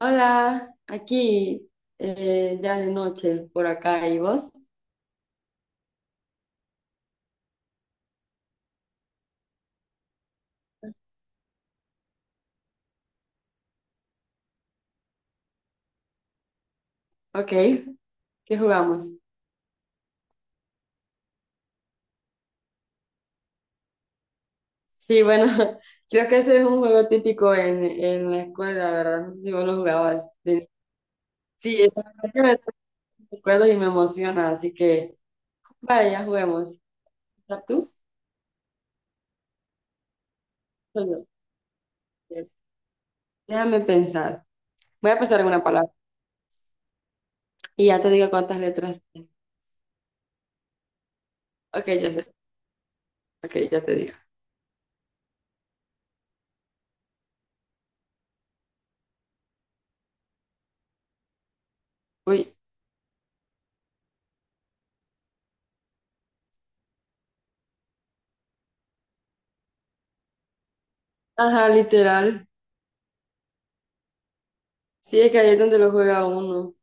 Hola, aquí ya de noche por acá y vos. Ok, ¿qué jugamos? Sí, bueno, creo que ese es un juego típico en la escuela, ¿verdad? No sé si vos lo jugabas. Sí, es la verdad que me trae recuerdos y me emociona, así que vale, ya juguemos. ¿Estás tú? Soy yo. Ok, déjame pensar. Voy a pensar en una palabra y ya te digo cuántas letras tiene. Ok, ya sé. Ok, ya te digo. Uy. Ajá, literal. Sí, es que ahí es donde lo juega uno.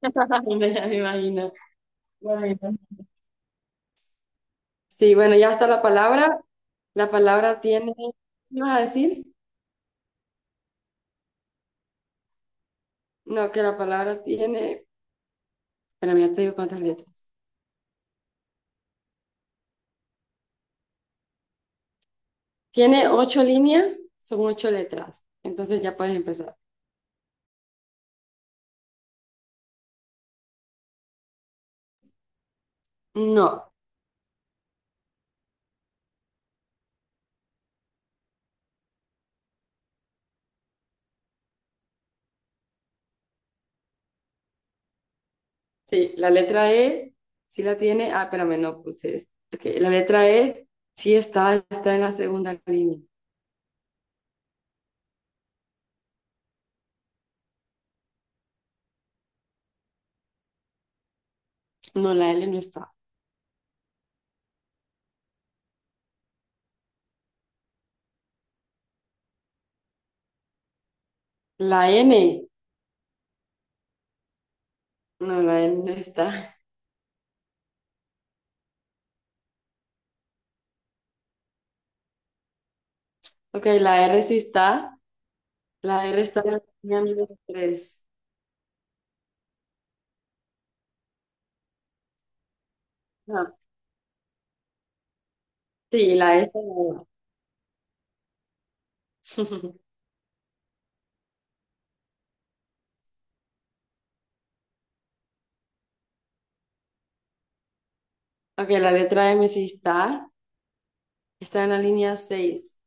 Ya me imagino. Bueno. Sí, bueno, ya está la palabra. La palabra tiene, ¿qué vas a decir? No, que la palabra tiene, pero ya te digo cuántas letras. Tiene ocho líneas, son ocho letras. Entonces ya puedes empezar. No, sí, la letra E sí la tiene. Ah, espérame, no puse esto. Ok, la letra E sí está, está en la segunda línea. No, la L no está. La N, no, la N no está. Ok, la R sí está. La R está en la línea número tres. Ah, sí, la E. Ok, la letra M sí está. Está en la línea seis.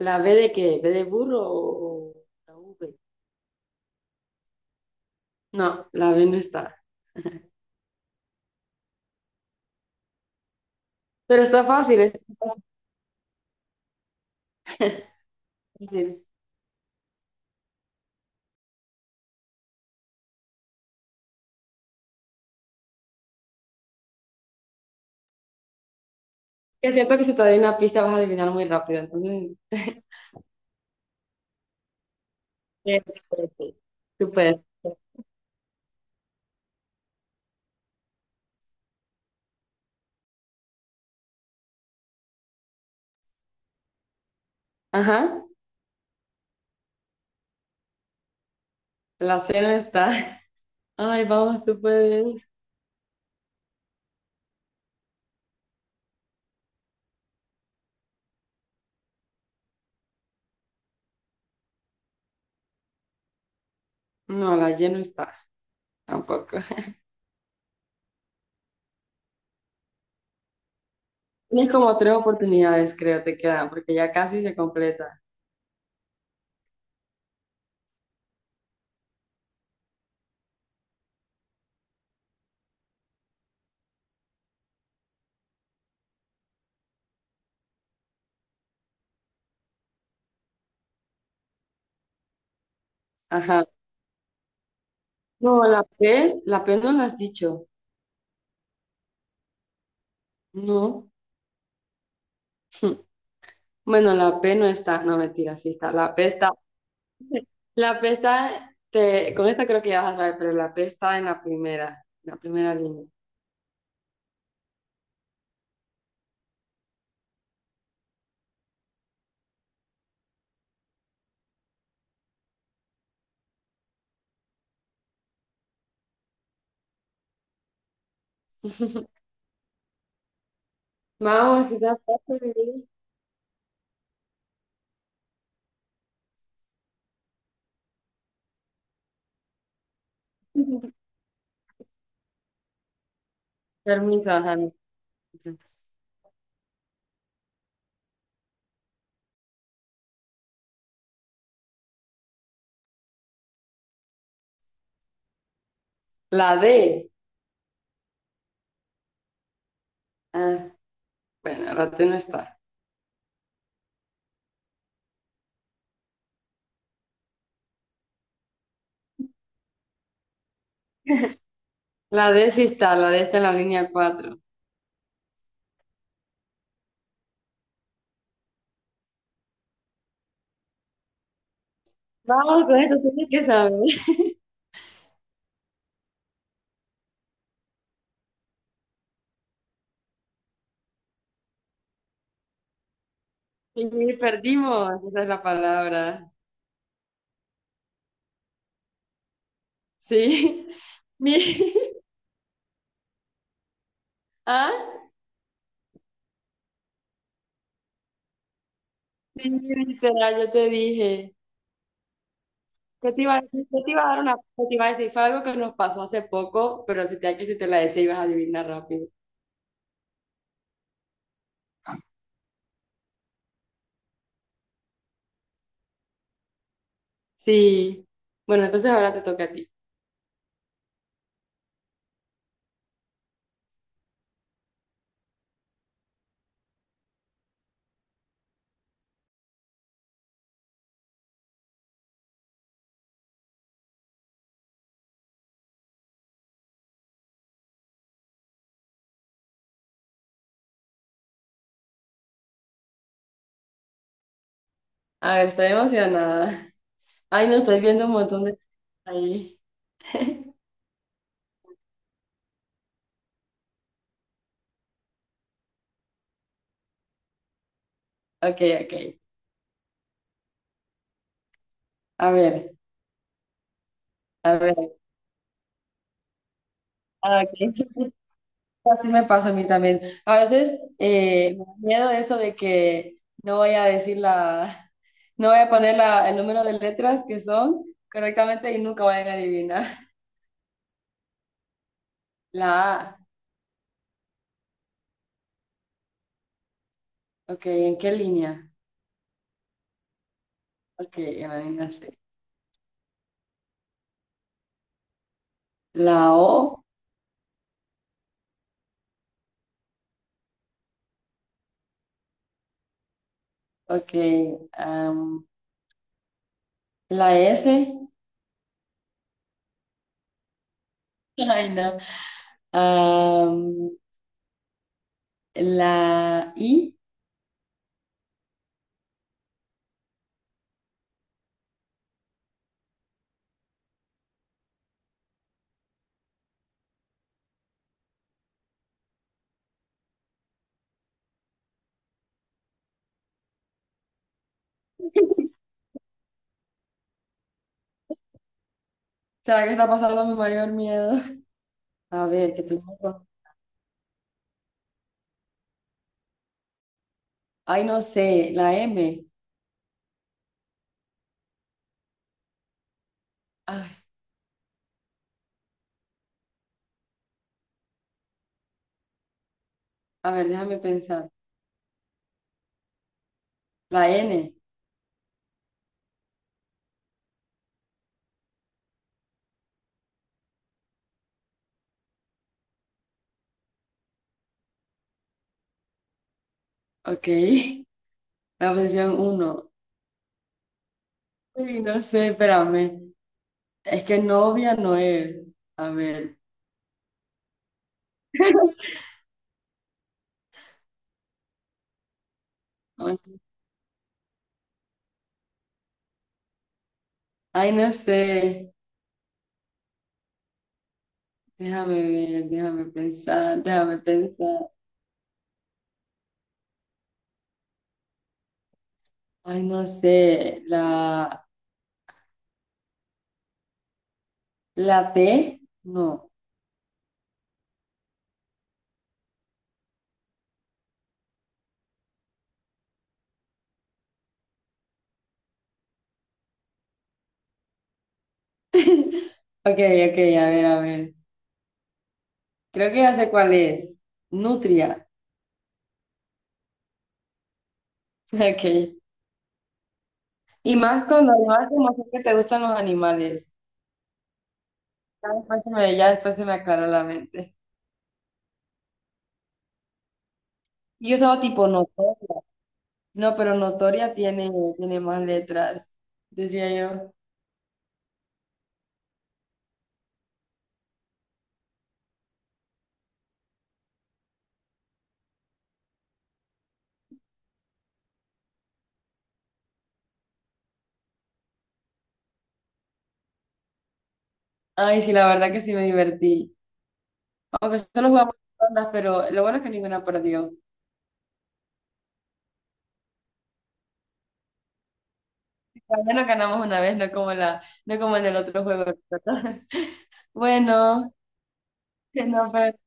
¿La B de qué? ¿B de burro o la V? No, la B no está. Pero está fácil. Es fácil. Es cierto que si te doy una pista vas a adivinar muy rápido. Entonces, espérate. Tú puedes. Ajá, la C no está. Ay, vamos, tú puedes. No, la Y no está tampoco. Tienes como tres oportunidades, creo, te quedan, porque ya casi se completa. Ajá. No, la P no la has dicho. No. Bueno, la P no está, no mentira, sí está. La P está, con esta creo que ya vas a saber, pero la P está en la primera línea. Vamos, quizás pase. Permiso, ajá, no. La D. Ah, bueno, ahora tú no está. La D sí está, la D está en la línea cuatro. Vamos, con esto tienes que saber. Y perdimos, esa es la palabra. Sí. Mi- Ah, sí, literal, yo te dije. ¿Qué te iba a decir? ¿Qué te iba a dar una, qué te iba a decir? Fue algo que nos pasó hace poco, pero que si te la decía ibas a adivinar rápido. Sí. Bueno, entonces ahora te toca a ti. A ver, estoy emocionada. Ay, no, estoy viendo un montón de. Ahí. Ok, ok. A ver, a ver. Ah, ok. Así me pasa a mí también. A veces, me da miedo eso de que no voy a decir la. No voy a poner el número de letras que son correctamente y nunca vayan a adivinar. La A, ok, ¿en qué línea? Ok, en la línea C. La O, ok, am, la S, ay no, am, la I, ¿Será que está pasando mi mayor miedo? A ver, que tú... Ay, no sé, la M, ay, a ver, déjame pensar. La N, ok, la posición uno. Uy, no sé, espérame. Es que novia no es. A ver. no- Ay, no sé. Déjame ver, déjame pensar, déjame pensar. Ay, no sé. La T, no. Ok, ok, a ver, a ver. Creo que ya sé cuál es. Nutria. Ok. Y más cuando más como sé que te gustan los animales. Ya después se me aclaró la mente. Y yo estaba tipo notoria. No, pero notoria tiene más letras, decía yo. Ay, sí, la verdad que sí me divertí. Aunque solo jugamos dos rondas, pero lo bueno es que ninguna perdió. Al menos ganamos una vez, no como en el otro juego. ¿Verdad? Bueno, no, pero